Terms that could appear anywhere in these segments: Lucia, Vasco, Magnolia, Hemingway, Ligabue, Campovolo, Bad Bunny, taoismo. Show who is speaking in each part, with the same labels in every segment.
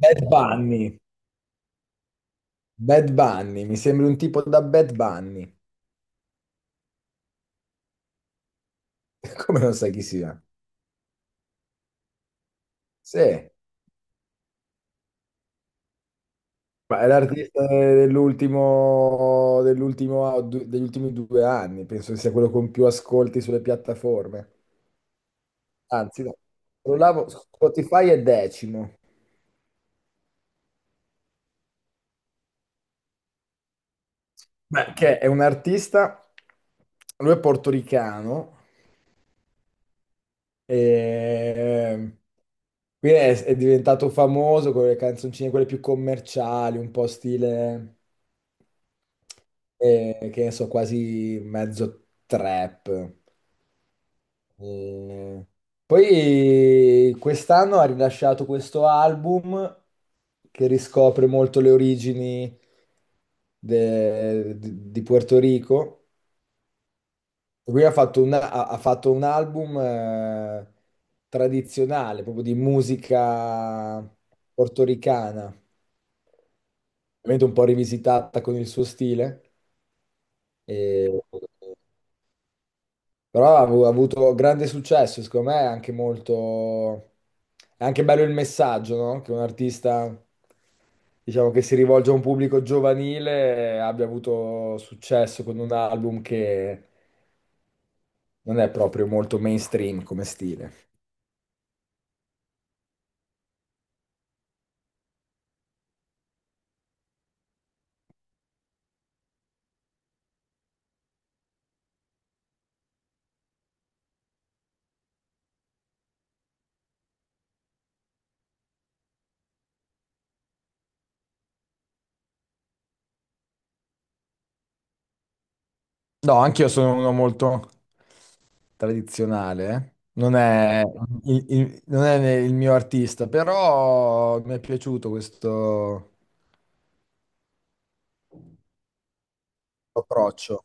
Speaker 1: Bad Bunny. Bad Bunny, mi sembri un tipo da Bad Bunny. Come non sai chi sia? Sì, ma è l'artista degli ultimi due anni, penso che sia quello con più ascolti sulle piattaforme. Anzi, no, scrollavo, Spotify è decimo. Beh, che è un artista, lui è portoricano. E... quindi è diventato famoso con le canzoncine, quelle più commerciali, un po' stile, che ne so, quasi mezzo trap. E poi quest'anno ha rilasciato questo album che riscopre molto le origini di Puerto Rico. Lui ha fatto un, ha fatto un album tradizionale, proprio di musica portoricana, ovviamente un po' rivisitata con il suo stile, e- però ha avuto grande successo, secondo me è anche molto... è anche bello il messaggio, no? Che un artista, diciamo, che si rivolge a un pubblico giovanile abbia avuto successo con un album che non è proprio molto mainstream come stile. No, anch'io sono uno molto tradizionale, eh. Non è non è il mio artista, però mi è piaciuto questo approccio.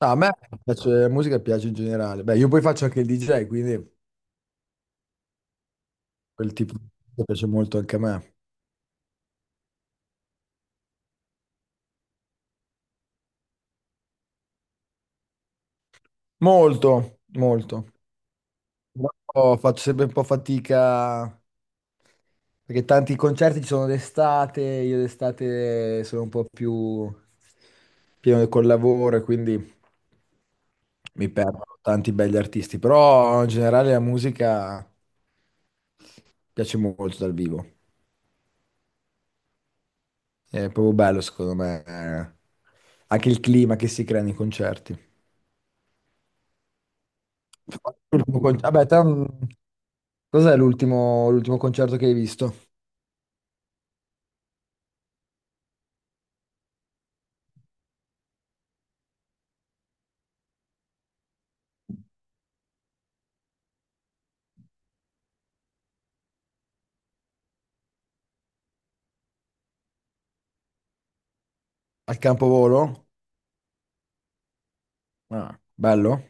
Speaker 1: No, a me piace, la musica piace in generale. Beh, io poi faccio anche il DJ, quindi quel tipo di musica piace molto anche a me. Molto, molto. No, faccio sempre un po' fatica perché tanti concerti ci sono d'estate, io d'estate sono un po' più pieno col lavoro e quindi mi perdo tanti belli artisti, però in generale la musica piace molto dal vivo, è proprio bello secondo me, anche il clima che si crea nei concerti. Vabbè, te, mm, cos'è l'ultimo concerto che hai visto? Al Campovolo? Ah, bello.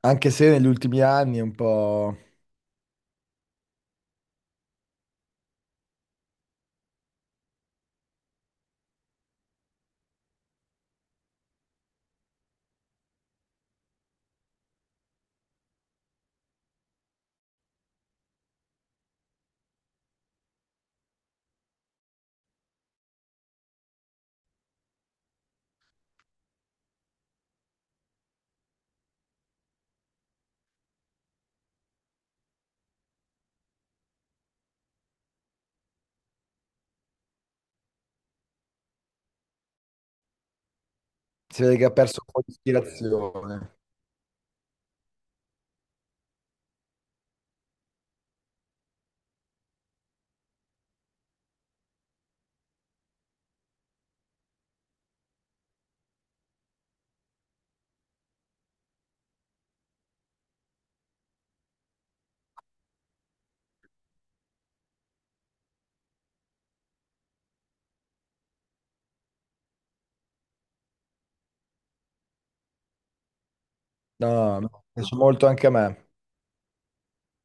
Speaker 1: Anche se negli ultimi anni è un po'... si vede che ha perso un po' di ispirazione. No, no, mi piace molto anche a me.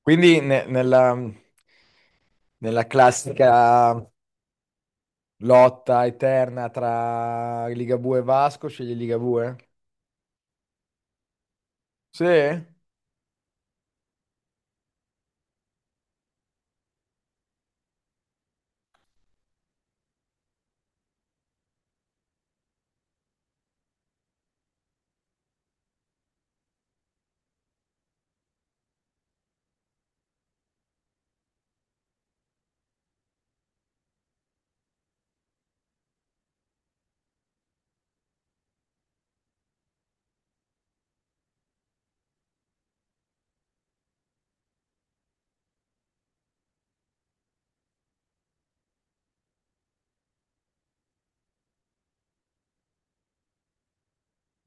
Speaker 1: Quindi nella classica lotta eterna tra Ligabue e Vasco, scegli Ligabue? Sì?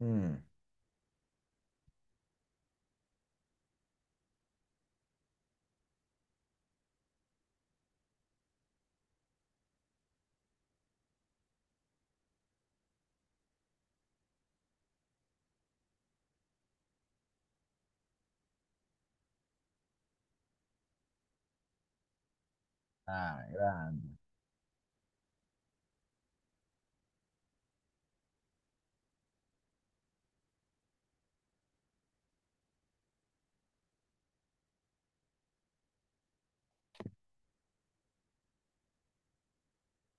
Speaker 1: Mm. Ah, grande.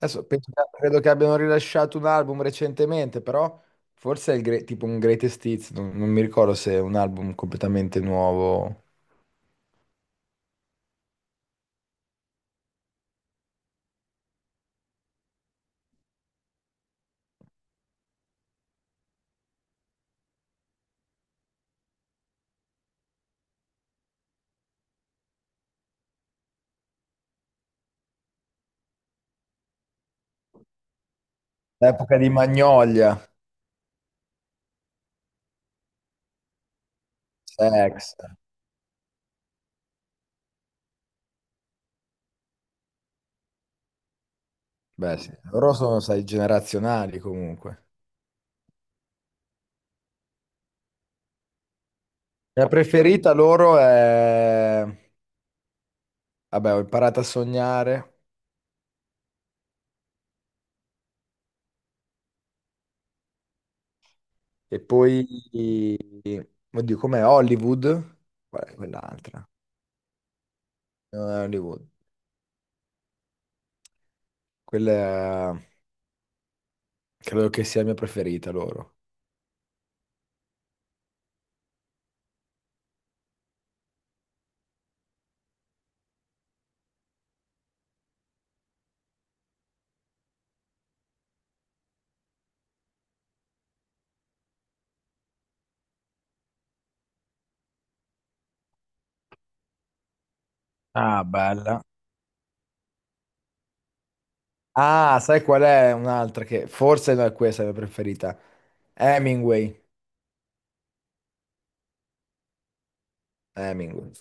Speaker 1: Adesso credo che abbiano rilasciato un album recentemente, però forse è il tipo un Greatest Hits, non mi ricordo se è un album completamente nuovo. L'epoca di Magnolia. Sex. Beh, sì. Loro sono, sai, generazionali comunque. La preferita loro è... Vabbè, ho imparato a sognare. E poi... Oddio, com'è? Hollywood? Qual è quell'altra? Non è Hollywood. Quella è- credo che sia la mia preferita loro. Ah, bella. Ah, sai qual è un'altra che forse non è questa la mia preferita? Hemingway. Hemingway.